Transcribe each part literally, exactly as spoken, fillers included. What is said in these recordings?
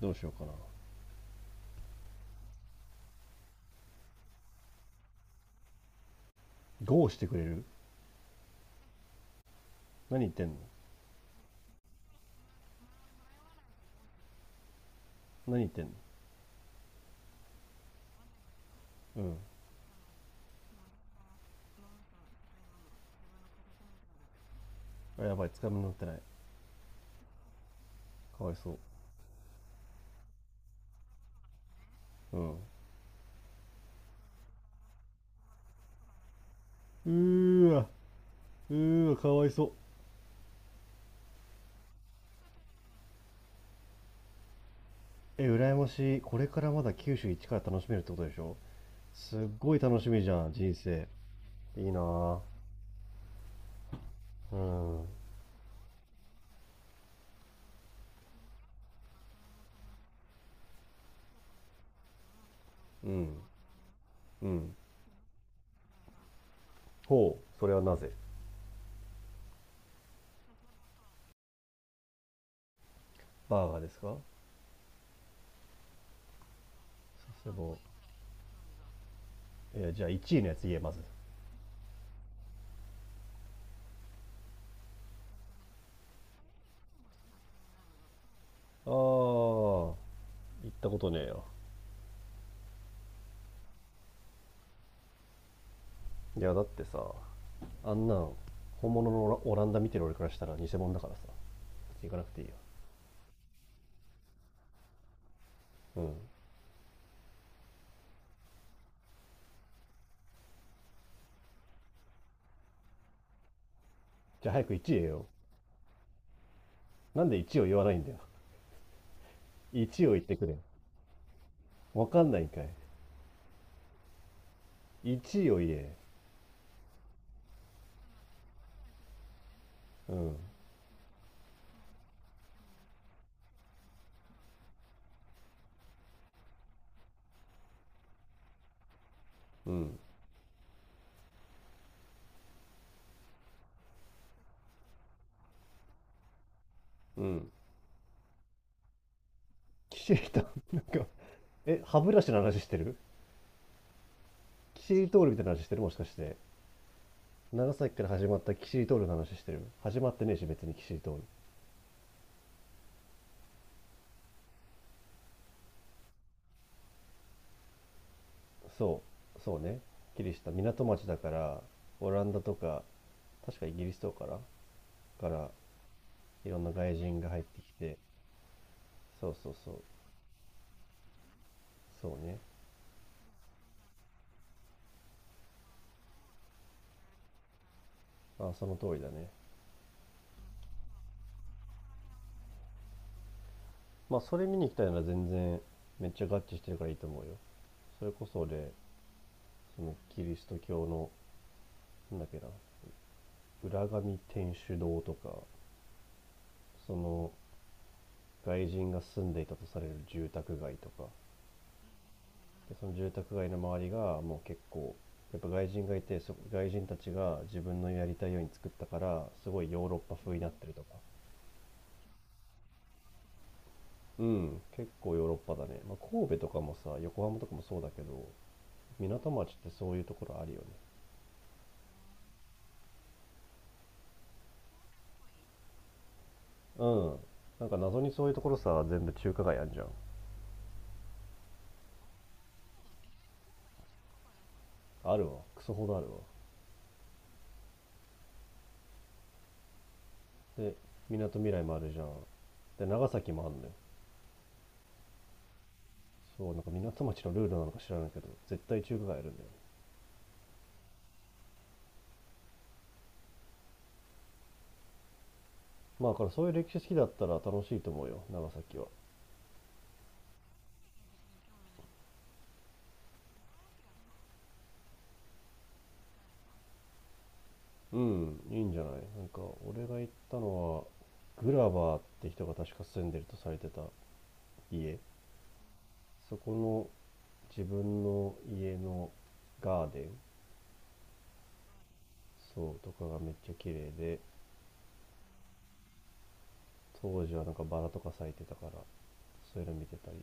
どうしようかな。ゴーしてくれる？何言ってんの。何言ってんの。うん。やばい、つかみ乗ってない。かわいそう。うん。うーわ、うーわ、かわいそう。え、羨ましい。これからまだ九州一から楽しめるってことでしょ？すっごい楽しみじゃん、人生。いいなぁ。うん。うん。うん。ほう、それはなぜ？バーガーですか？佐世保。いや、じゃあいちいのやつ言え、まず。ああ、行ったことねえよ。いや、だってさ、あんなん本物のオランダ見てる俺からしたら偽物だからさ。行かなくていいよ。うん。じゃあ早くいちい言えよ。なんで一位を言わないんだよ。いちを言ってくれよ。わかんないんかい。いちいを言え。うん、うん、うん。キシリなんかえ歯ブラシの話してる？キシリトールみたいな話してる？もしかして長崎から始まったキシリトールの話してる？始まってねえし別にキシリトール。そうそう、ね、キリシタ港町だから。オランダとか、確かイギリスとかからから、いろんな外人が入ってきて。そうそうそう。そうね。あ、その通りだね。まあそれ見に行きたいなら全然、めっちゃ合致してるからいいと思うよ。それこそで、そのキリスト教の、なんだっけな、浦上天主堂とか、その外人が住んでいたとされる住宅街とか。でその住宅街の周りがもう結構、やっぱ外人がいてそ外人たちが自分のやりたいように作ったから、すごいヨーロッパ風になってるとか。うん、結構ヨーロッパだね。まあ、神戸とかもさ、横浜とかもそうだけど、港町ってそういうところあるよね。うん。なんか謎にそういうところさ、全部中華街あんじゃん。あるわ。クソほどあるわ。で、みなとみらいもあるじゃん。で、長崎もあるんだよ。そう、なんか港町のルールなのか知らないけど、絶対中華街あるんだよね。まあ、だからそういう歴史好きだったら楽しいと思うよ、長崎は。うん、いいんじゃない？なんか、俺が行ったのは、グラバーって人が確か住んでるとされてた家。そこの自分の家のガーデン、そうとかがめっちゃ綺麗で、当時はなんかバラとか咲いてたから、そういうの見てたり。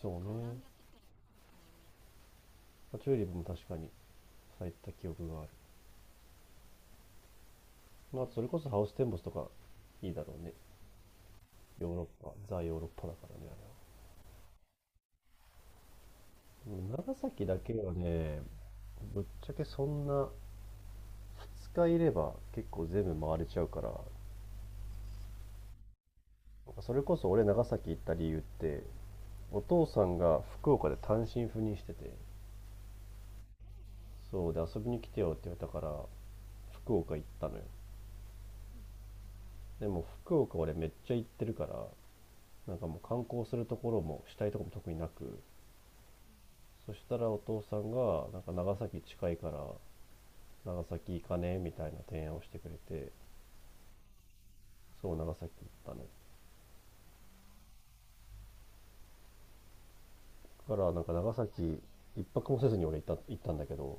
そうね、まあチューリップも確かに咲いた記憶がある。まあそれこそハウステンボスとかいいだろうね。ヨーロッパザ・ヨーロッパだからね、あれは。長崎だけはね。ぶっちゃけそんな、ふつかいれば結構全部回れちゃうから。それこそ俺長崎行った理由って、お父さんが福岡で単身赴任してて、そうで遊びに来てよって言われたから福岡行ったのよ。でも福岡俺めっちゃ行ってるから、なんかもう観光するところもしたいとこも特になく、そしたらお父さんがなんか長崎近いから長崎行かねえみたいな提案をしてくれて、そう、長崎行ったね。だからなんか長崎、一泊もせずに俺行った行ったんだけど、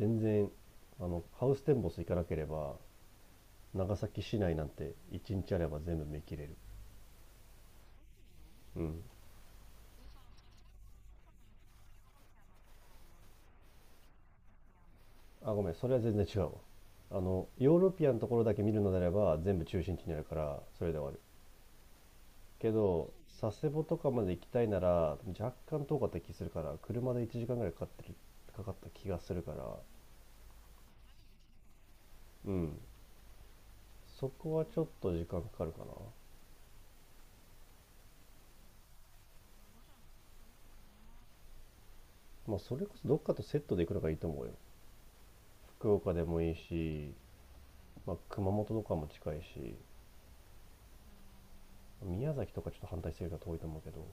全然、あのハウステンボス行かなければ長崎市内なんて一日あれば全部見切れる。うん。あ、ごめん、それは全然違うわ。あの、ヨーロピアンのところだけ見るのであれば、全部中心地にあるから、それで終わる。けど、佐世保とかまで行きたいなら、若干遠かった気するから、車でいちじかんぐらいかかってる、かかった気がするから、うん。そこはちょっと時間かかるかな。まあ、それこそどっかとセットで行くのがいいと思うよ。福岡でもいいし、まあ、熊本とかも近いし、宮崎とかちょっと反対してるから遠いと思うけど、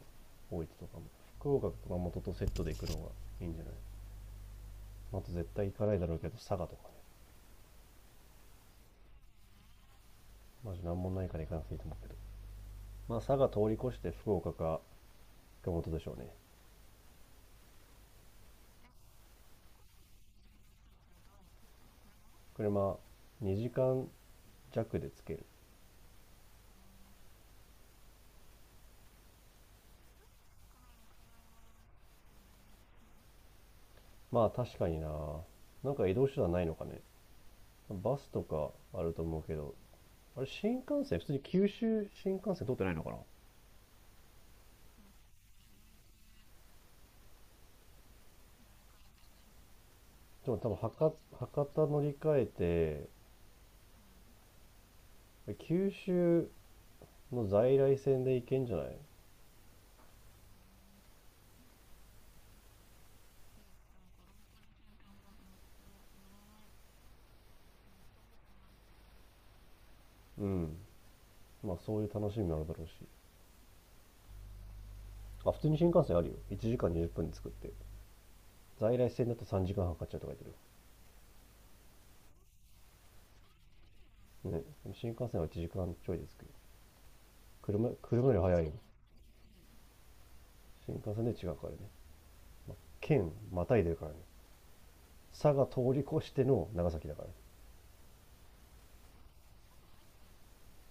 大分とかも。福岡、熊本とセットで行くのがいいんじゃない？あと絶対行かないだろうけど、佐賀とかね。マジなんもないから行かなくていいと思うけど。まあ佐賀通り越して福岡か熊本でしょうね。車、にじかん弱で着ける。まあ確かにな。なんか移動手段ないのかね。バスとかあると思うけど、あれ新幹線、普通に九州新幹線通ってないのかな？でも多分博博多乗り換えて、九州の在来線で行けんじゃない？うん。まあそういう楽しみもあるだろうし。あ、普通に新幹線あるよ。いちじかんにじゅっぷんで着くって。在来線だとさんじかんはんかかっちゃうとか言ってる。ね。新幹線はいちじかんちょいですけど。車、車より早いの。新幹線で違うからね。県またいでるからね。佐賀通り越しての長崎だから、ね、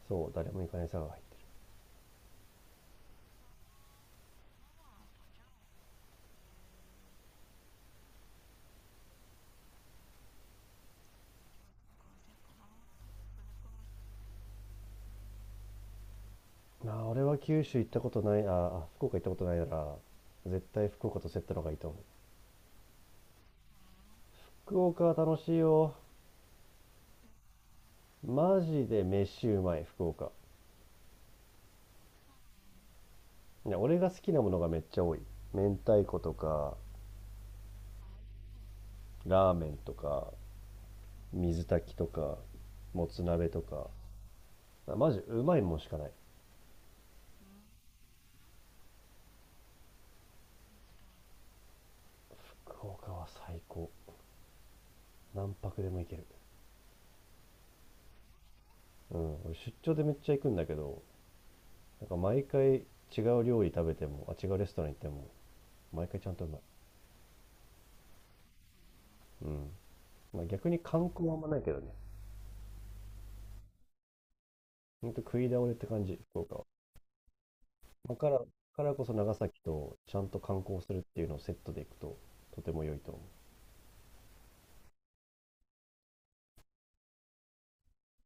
そう、誰も行かない佐賀が入ってる。まあ、俺は九州行ったことない、ああ、福岡行ったことないなら、絶対福岡とセットの方がいいと思う。福岡は楽しいよ。マジで飯うまい、福岡。ね、俺が好きなものがめっちゃ多い。明太子とか、ラーメンとか、水炊きとか、もつ鍋とか、マジうまいもんしかない。福岡は最高。何泊でも行ける。うん、俺出張でめっちゃ行くんだけど、なんか毎回違う料理食べても、あ、違うレストラン行っても、毎回ちゃんとうまい。うん。まあ、逆に観光はあんまないけどね。ほんと食い倒れって感じ、福岡は。まあ、から、からこそ長崎とちゃんと観光するっていうのをセットで行くと、とても良いと思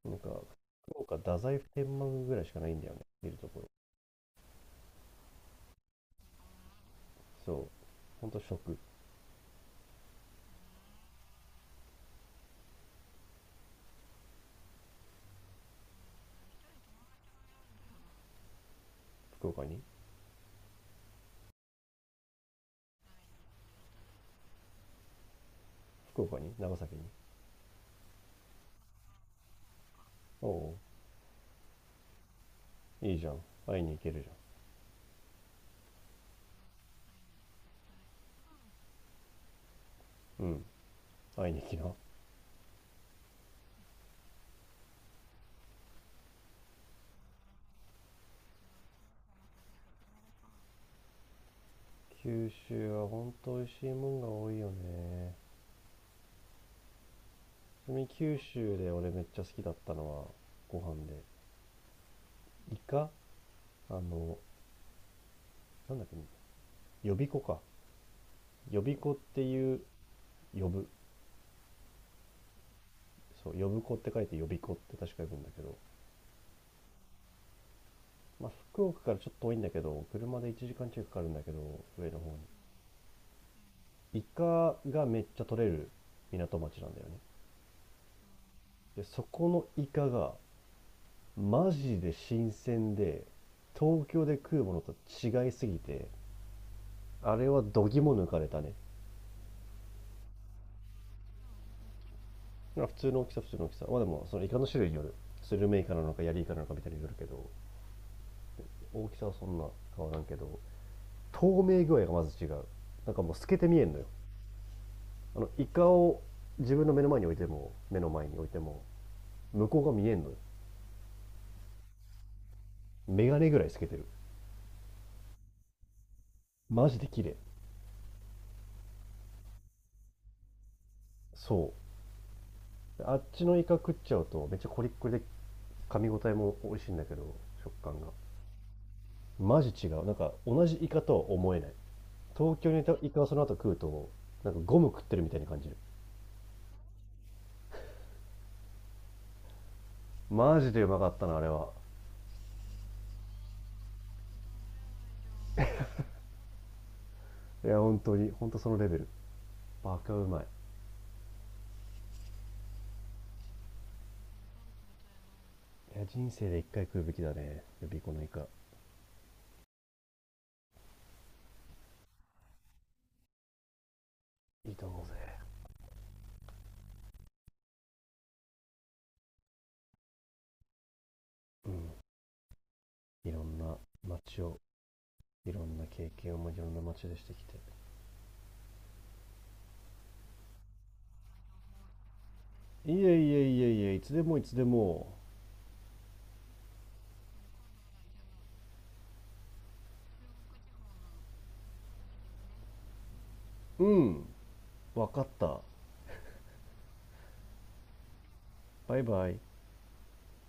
う。なんか、福岡、太宰府天満宮ぐらいしかないんだよね、見るところ。そう。ほんと食。福岡に？福岡に長崎に？おお、ういいじゃん。会いに行けるじゃん。うん、会いに行きな。九州はほんと美味しいもんが多いよね。ちなみに九州で俺めっちゃ好きだったのはご飯で、イカ、あの、なんだっけ、呼び子か、呼び子っていう、呼ぶ、そう、呼ぶ子って書いて呼び子って確か呼ぶんだけど、まあ、福岡からちょっと遠いんだけど、車でいちじかん近くかかるんだけど、上の方に。イカがめっちゃ取れる港町なんだよね。でそこのイカがマジで新鮮で、東京で食うものと違いすぎて、あれはどぎも抜かれたね。普通の大きさ、普通の大きさ。まあでもそのイカの種類による、スルメイカなのかヤリイカなのかみたいによるけど、大きさはそんな変わらんけど、透明具合がまず違う。なんかもう透けて見えんのよ。あのイカを自分の目の前に置いても、目の前に置いても、向こうが見えんのよ。メガネぐらい透けてる。マジで綺麗。そう、あっちのイカ食っちゃうとめっちゃコリッコリで、噛み応えも美味しいんだけど、食感がマジ違う。なんか同じイカとは思えない。東京にいたイカをその後食うと、なんかゴム食ってるみたいに感じる。マジでうまかったなあれは。いや本当に本当、そのレベル。バカうまい。いや人生で一回食うべきだね、予備校のイカ。いいと思うぜ。うん、いろんな街をいろんな経験をも、いろんな街でしてきて。いえいえいえいえ、いつでもいつでも。うん、わかった。バイバイ。